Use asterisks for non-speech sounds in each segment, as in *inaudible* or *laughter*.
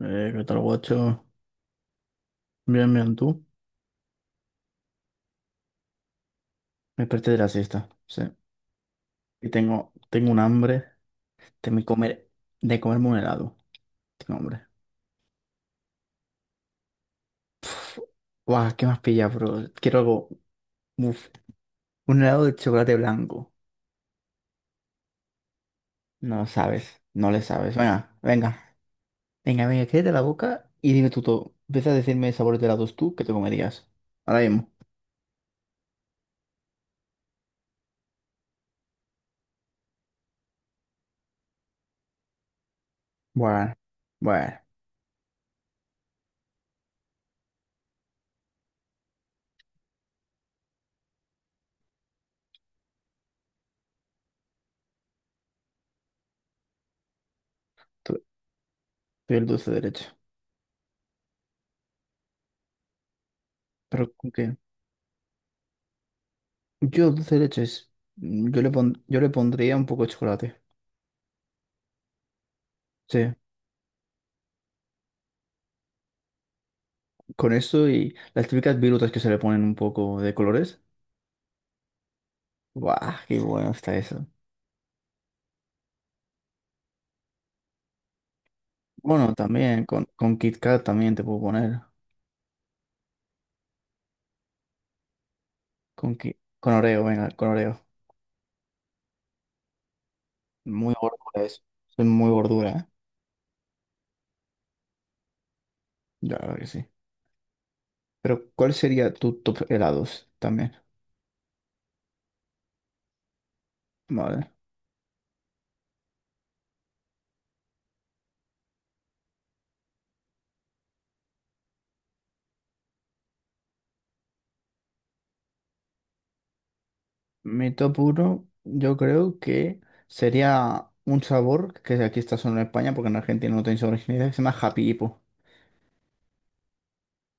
¿Qué tal, guacho? Bien, bien, tú. Me desperté de la siesta, sí. Y tengo un hambre de me comer, de comerme un helado. Tengo hambre. Pff, guau, ¿qué más pilla, bro? Quiero algo. Uf, un helado de chocolate blanco. No sabes, no le sabes. Venga, venga, venga, venga, quédate la boca y dime tú todo. Empieza a decirme sabores de helados tú que te comerías. Ahora mismo. Bueno, bueno, tú, tú y el dulce derecho. ¿Pero con qué? Yo dulce de leche yo le pondría un poco de chocolate. Sí, con eso y las típicas virutas que se le ponen un poco de colores. ¡Guau! ¡Qué bueno está eso! Bueno, también con Kit Kat también te puedo poner. Con Oreo, venga, con Oreo. Muy gordura eso. Soy muy gordura, ¿eh? Ya, claro que sí. Pero, ¿cuál sería tu top helados también? Vale. Mi top uno yo creo que sería un sabor que aquí está solo en España, porque en Argentina no tenéis originalidad, que se llama Happy Hippo.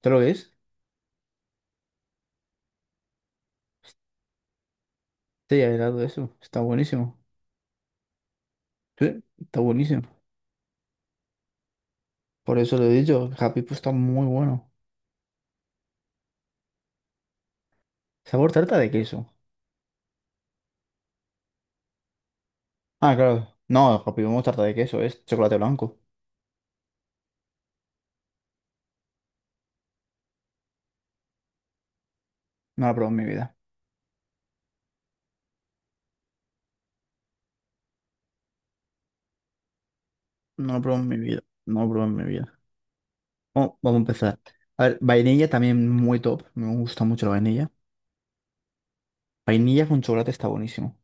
¿Te lo ves? Este ya era eso. Está buenísimo. Sí, está buenísimo. Por eso lo he dicho. El Happy Puff está muy bueno. Sabor tarta de queso. Ah, claro. No, el Happy Puff no es tarta de queso. Es chocolate blanco. No lo he probado en mi vida. No lo he probado en mi vida. No lo he probado en mi vida. Vamos, vamos a empezar. A ver, vainilla también muy top. Me gusta mucho la vainilla. Vainilla con chocolate está buenísimo.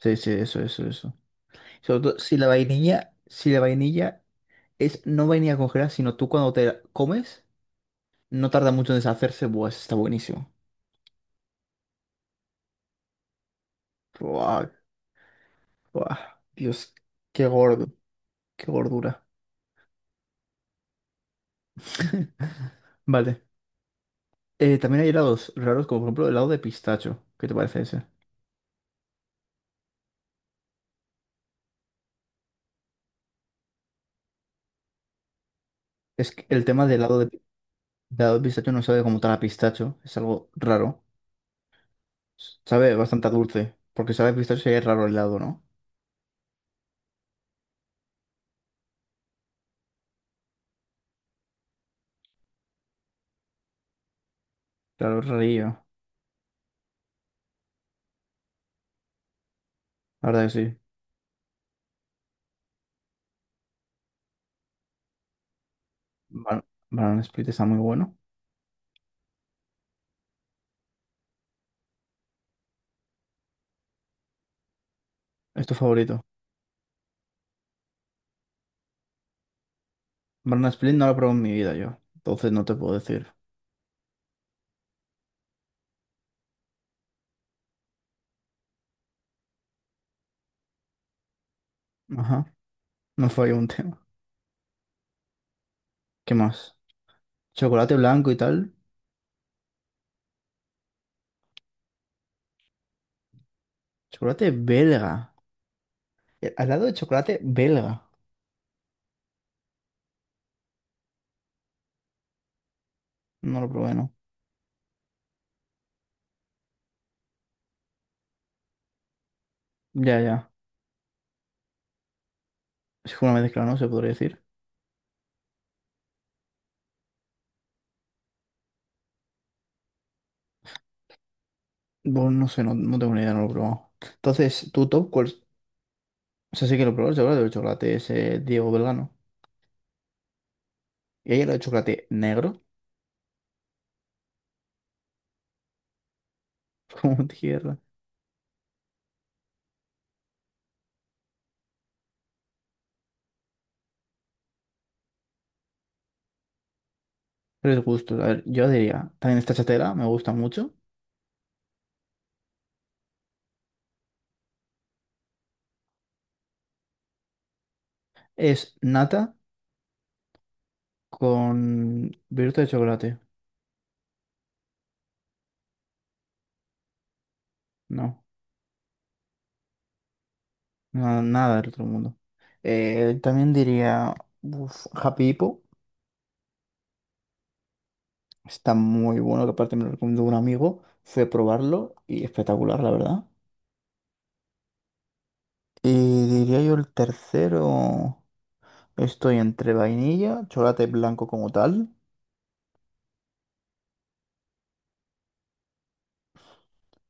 Sí, sí, eso, eso, eso. Sobre todo si la vainilla, si la vainilla es no vainilla congelada, sino tú cuando te la comes. No tarda mucho en deshacerse. Buah, ese está buenísimo. Buah, buah. Dios, qué gordo. Qué gordura. *laughs* Vale. También hay helados raros, como por ejemplo el helado de pistacho. ¿Qué te parece ese? Es que el tema del helado del helado de pistacho no sabe como tal a pistacho. Es algo raro. Sabe bastante a dulce. Porque sabe a pistacho sería raro el helado, ¿no? Claro, es rarillo. La verdad que sí. Ban- Banana Split está muy bueno. Es tu favorito. Banana Split no lo he probado en mi vida yo. Entonces no te puedo decir. Ajá. No fue ahí un *laughs* tema. ¿Qué más? Chocolate blanco y tal. Chocolate belga. Al lado de chocolate belga. No lo probé, ¿no? Ya, ya. Es como una mezcla, ¿no? Se podría decir. Bueno, no sé, no, no tengo ni idea, no lo he probado. Entonces, ¿tu top cuál es? O sea, sí que lo probé el chocolate. El chocolate es Diego Belgano. Y ahí el chocolate negro, *laughs* como tierra. Tres gustos. A ver, yo diría, también esta chatera, me gusta mucho. Es nata con viruta de chocolate. No. No, nada del otro mundo. También diría, uf, Happy Hippo, está muy bueno, que aparte me lo recomendó un amigo, fui a probarlo y espectacular, la verdad. Y diría yo el tercero, estoy entre vainilla, chocolate blanco como tal,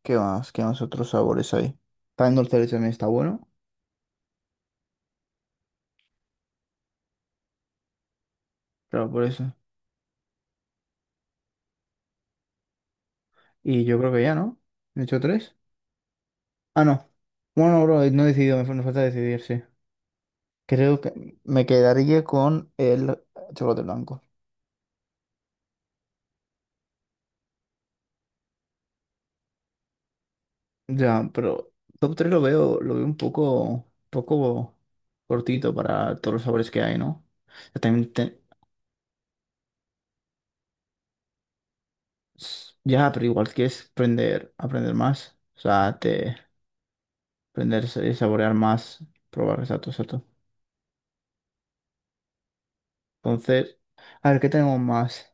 ¿qué más? ¿Qué más otros sabores hay? También dulce de leche también está bueno, claro, por eso. Y yo creo que ya, ¿no? ¿He hecho tres? Ah, no. Bueno, bro, no he decidido, me falta decidir, sí. Creo que me quedaría con el chocolate blanco. Ya, pero top 3 lo veo un poco, poco cortito para todos los sabores que hay, ¿no? Ya, también te- ya, pero igual quieres aprender, aprender más. O sea, te aprender y saborear más, probar, exacto, exacto. Entonces, a ver, ¿qué tenemos más?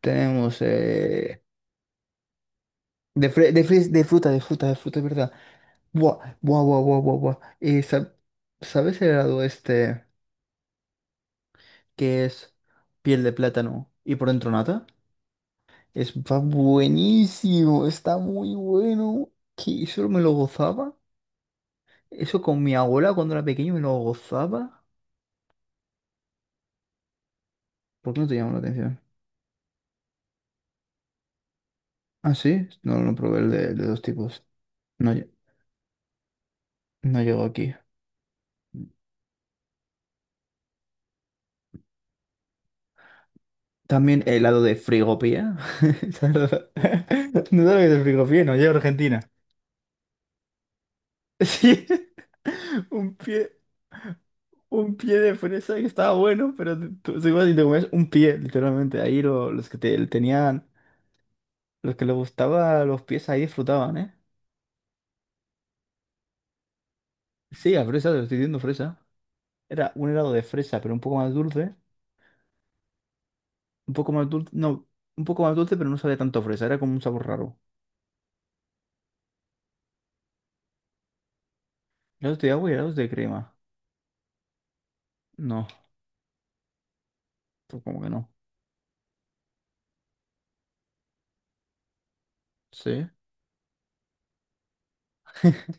Tenemos de fruta, de fruta, de fruta, es verdad. Buah, buah, buah, buah, buah, buah. ¿Sabes el helado este que es piel de plátano y por dentro nata? Es va buenísimo, está muy bueno. Que eso me lo gozaba. Eso con mi abuela cuando era pequeño me lo gozaba. ¿Por qué no te llama la atención? Ah, sí, no, no probé el de dos tipos. No, lle- no llegó aquí. También helado de frigopía. *laughs* ¿Sabes lo- *laughs* ¿No sabes lo que es el frigopía? No llega a Argentina. *laughs* Sí. Un pie, un pie de fresa que estaba bueno, pero tú ibas y te comías un pie, literalmente. Los que te, tenían. Los que les gustaba los pies ahí disfrutaban, ¿eh? Sí, a fresa, te estoy diciendo fresa. Era un helado de fresa, pero un poco más dulce. Un poco más dulce, no, un poco más dulce, pero no sabía tanto a fresa. Era como un sabor raro. Helados de agua y helados de crema. No, pues como que no. Sí. *laughs*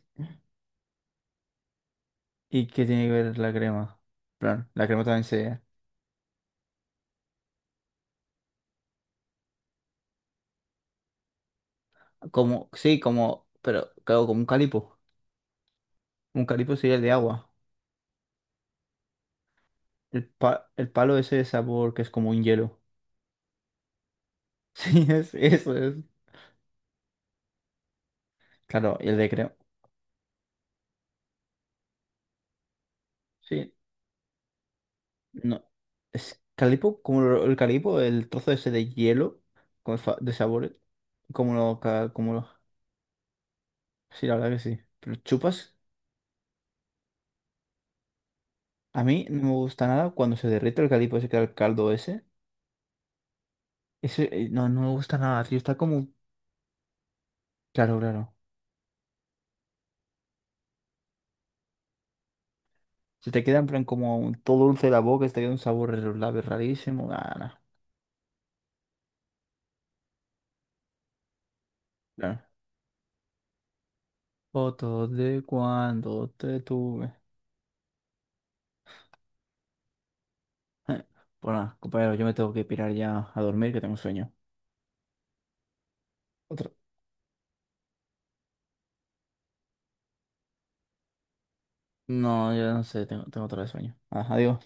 ¿Y qué tiene que ver la crema? Plan, la crema también se... Como, sí, como, pero claro, como un calipo. Un calipo sería el de agua. El palo ese de sabor que es como un hielo. *laughs* Sí, es, eso es. Claro, y el de crema. Sí, no. Es calipo, el calipo, el trozo ese de hielo de sabores. Como lo. Sí, la verdad que sí. Pero chupas. A mí no me gusta nada cuando se derrite el calipo ese, que era el caldo ese. Ese, no, no me gusta nada, tío. Está como. Claro, claro. Se te queda en plan como todo dulce de la boca, se te queda un sabor en los labios rarísimo. Nah, nah, claro. Fotos de cuando te tuve. *laughs* Bueno, compañero, yo me tengo que pirar ya a dormir, que tengo sueño. Otra. No, yo no sé, tengo otra vez sueño. Ajá, digo.